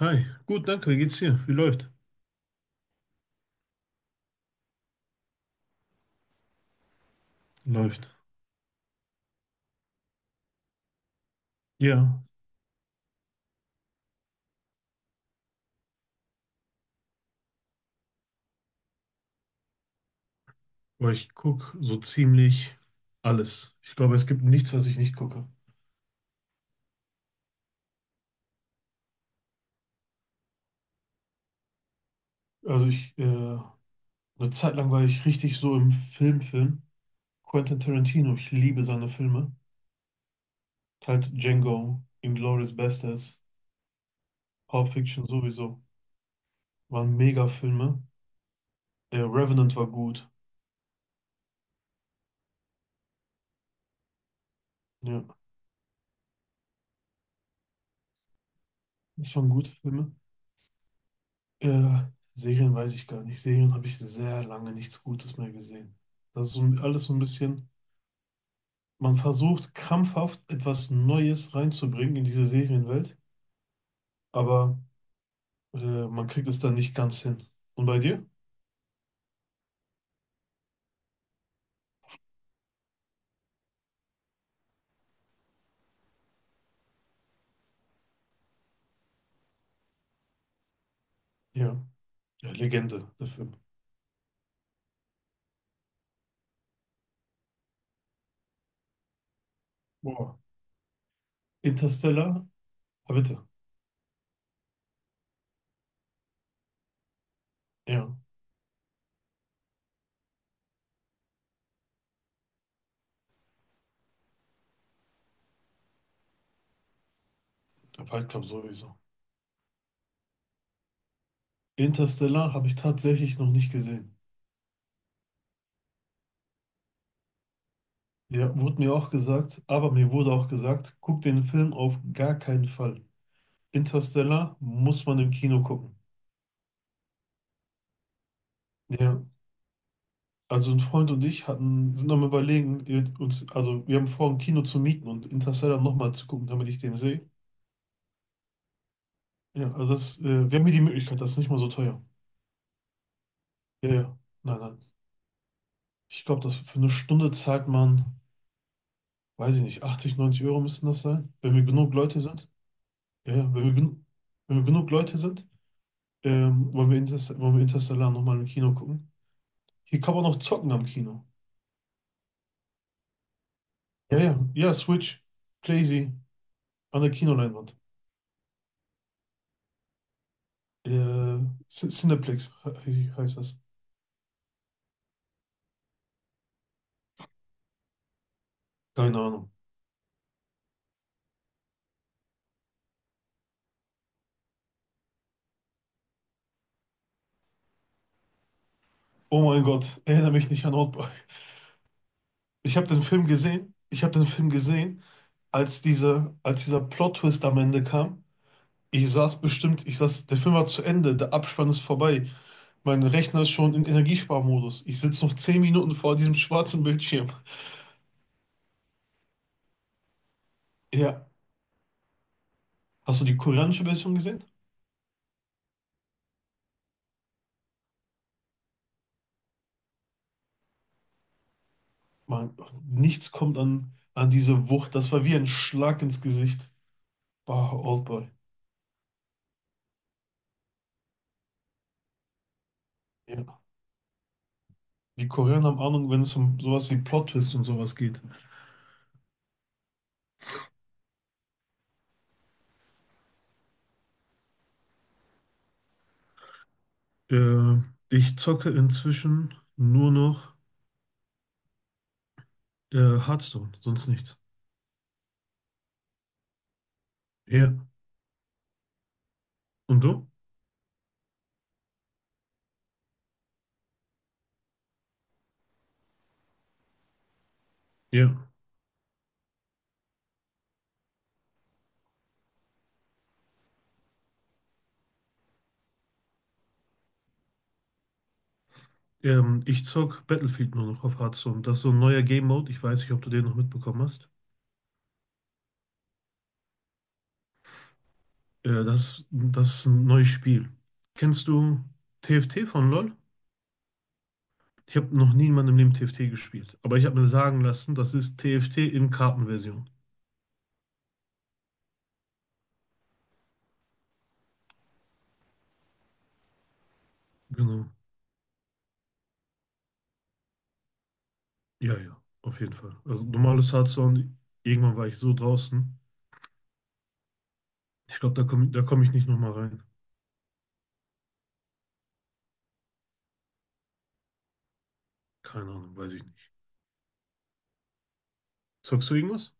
Hi, gut, danke. Wie geht's dir? Wie läuft? Läuft. Ja, aber ich gucke so ziemlich alles. Ich glaube, es gibt nichts, was ich nicht gucke. Also ich, eine Zeit lang war ich richtig so im Filmfilm. Quentin Tarantino, ich liebe seine Filme. Halt Django, Inglourious Basterds, Pulp Fiction sowieso. Waren mega Filme. Revenant war gut. Ja, das waren gute Filme. Äh, Serien weiß ich gar nicht. Serien habe ich sehr lange nichts Gutes mehr gesehen. Das ist so, alles so ein bisschen. Man versucht krampfhaft etwas Neues reinzubringen in diese Serienwelt, aber man kriegt es dann nicht ganz hin. Und bei dir? Ja. Ja, Legende, der Film. Boah. Interstellar? Ah, bitte. Ja, der Waldkampf sowieso. Interstellar habe ich tatsächlich noch nicht gesehen. Ja, wurde mir auch gesagt, aber mir wurde auch gesagt, guck den Film auf gar keinen Fall. Interstellar muss man im Kino gucken. Ja, also ein Freund und ich sind am Überlegen, uns, also wir haben vor, ein Kino zu mieten und Interstellar nochmal zu gucken, damit ich den sehe. Ja, also das, wir haben hier die Möglichkeit, das ist nicht mal so teuer. Ja, ja, nein, nein. Ich glaube, dass für eine Stunde zahlt man, weiß ich nicht, 80, 90 Euro müssen das sein, wenn wir genug Leute sind. Ja, ja, wenn wir genug Leute sind, wollen wir Interstellar nochmal im Kino gucken. Hier kann man noch zocken am Kino. Ja, ja, ja, Switch, Playsee, an der Kinoleinwand. Äh, Cineplex heißt das. Keine Ahnung. Oh mein Gott, erinnere mich nicht an Oldboy. Ich habe den Film gesehen. Ich habe den Film gesehen, als dieser Plot-Twist am Ende kam. Ich saß, der Film war zu Ende, der Abspann ist vorbei. Mein Rechner ist schon in Energiesparmodus. Ich sitze noch 10 Minuten vor diesem schwarzen Bildschirm. Ja. Hast du die koreanische Version gesehen? Man, nichts kommt an, an diese Wucht. Das war wie ein Schlag ins Gesicht. Bah, Oldboy. Ja. Die Koreaner haben Ahnung, wenn es um sowas wie Plot-Twist und sowas geht. Äh, ich zocke inzwischen nur noch äh, Hearthstone, sonst nichts. Ja. Und du? Ja. Ich zock Battlefield nur noch auf Hearthstone. Das ist so ein neuer Game Mode. Ich weiß nicht, ob du den noch mitbekommen hast. Das ist ein neues Spiel. Kennst du TFT von LoL? Ich habe noch nie in meinem Leben TFT gespielt. Aber ich habe mir sagen lassen, das ist TFT in Kartenversion. Genau. Ja, ja, auf jeden Fall. Also normales Hardstone, irgendwann war ich so draußen. Ich glaube, da komm ich nicht nochmal rein. Keine Ahnung, weiß ich nicht. Zockst du irgendwas?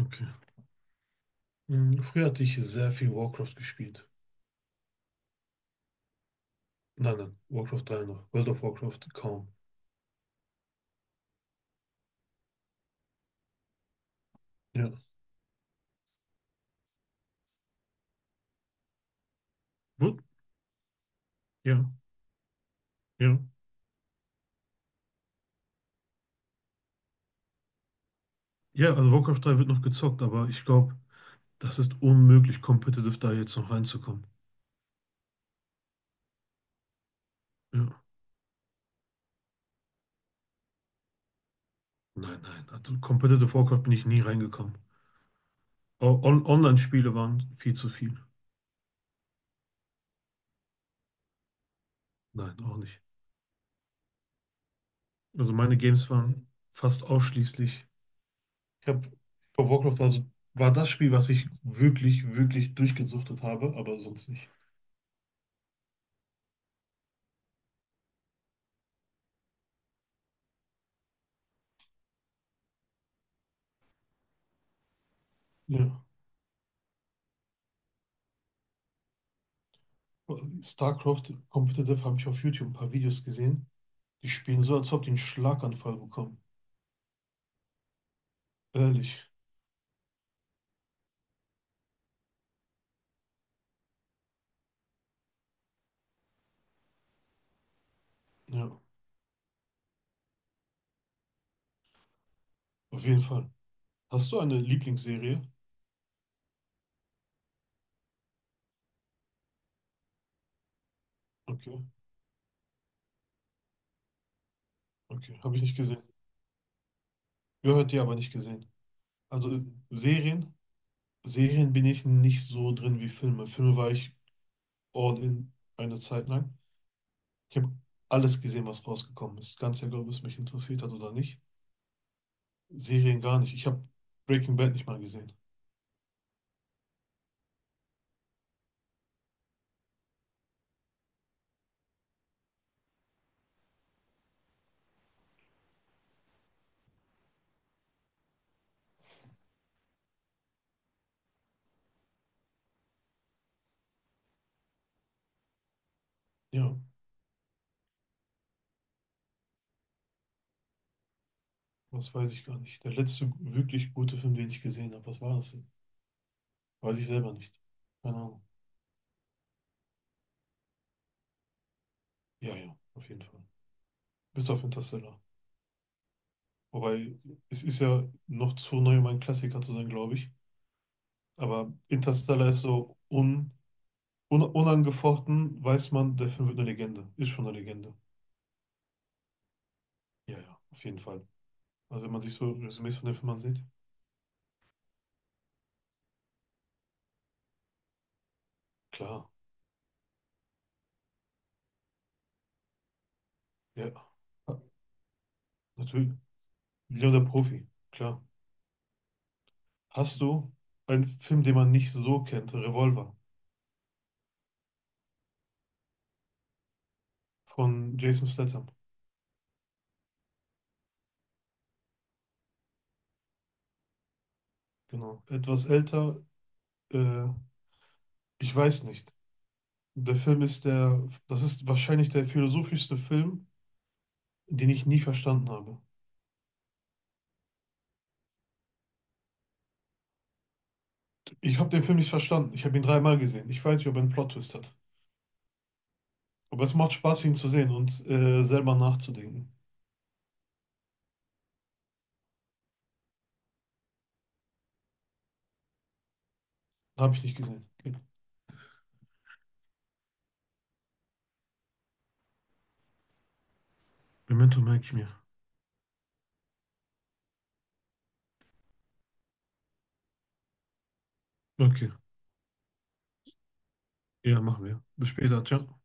Okay. Hm, früher hatte ich sehr viel Warcraft gespielt. Nein, nein, Warcraft 3 noch. World of Warcraft kaum. Ja. Gut? Ja, ja. Ja, also Warcraft 3 wird noch gezockt, aber ich glaube, das ist unmöglich, competitive da jetzt noch reinzukommen. Ja. Nein, nein. Also Competitive Warcraft bin ich nie reingekommen. O- On Online-Spiele waren viel zu viel. Nein, auch nicht. Also meine Games waren fast ausschließlich. Ich habe bei Warcraft, also war das Spiel, was ich wirklich, wirklich durchgesuchtet habe, aber sonst nicht. Ja. StarCraft Competitive habe ich auf YouTube ein paar Videos gesehen. Die spielen so, als ob die einen Schlaganfall bekommen. Ehrlich. Ja, auf jeden Fall. Hast du eine Lieblingsserie? Okay, okay. Habe ich nicht gesehen. Gehört dir, aber nicht gesehen. Also Serien, Serien bin ich nicht so drin wie Filme. Filme war ich all in eine Zeit lang. Ich habe alles gesehen, was rausgekommen ist. Ganz egal, ob es mich interessiert hat oder nicht. Serien gar nicht. Ich habe Breaking Bad nicht mal gesehen. Ja, was weiß ich gar nicht. Der letzte wirklich gute Film, den ich gesehen habe, was war das denn? Weiß ich selber nicht. Keine Ahnung. Ja, ja, auf jeden Fall. Bis auf Interstellar. Wobei, es ist ja noch zu neu, um ein Klassiker zu sein, glaube ich. Aber Interstellar ist so unangefochten, weiß man, der Film wird eine Legende. Ist schon eine Legende. Ja, ja, auf jeden Fall. Also wenn man sich so Resümees von den Filmen ansieht, klar. Ja, natürlich. Leon der Profi, klar. Hast du einen Film, den man nicht so kennt? Revolver von Jason Statham. Genau. Etwas älter, äh, ich weiß nicht. Der Film ist der, das ist wahrscheinlich der philosophischste Film, den ich nie verstanden habe. Ich habe den Film nicht verstanden. Ich habe ihn dreimal gesehen. Ich weiß nicht, ob er einen Plot-Twist hat. Aber es macht Spaß, ihn zu sehen und selber nachzudenken. Habe ich nicht gesehen. Okay. Memento merke ich mir. Okay. Ja, machen wir. Bis später. Ciao.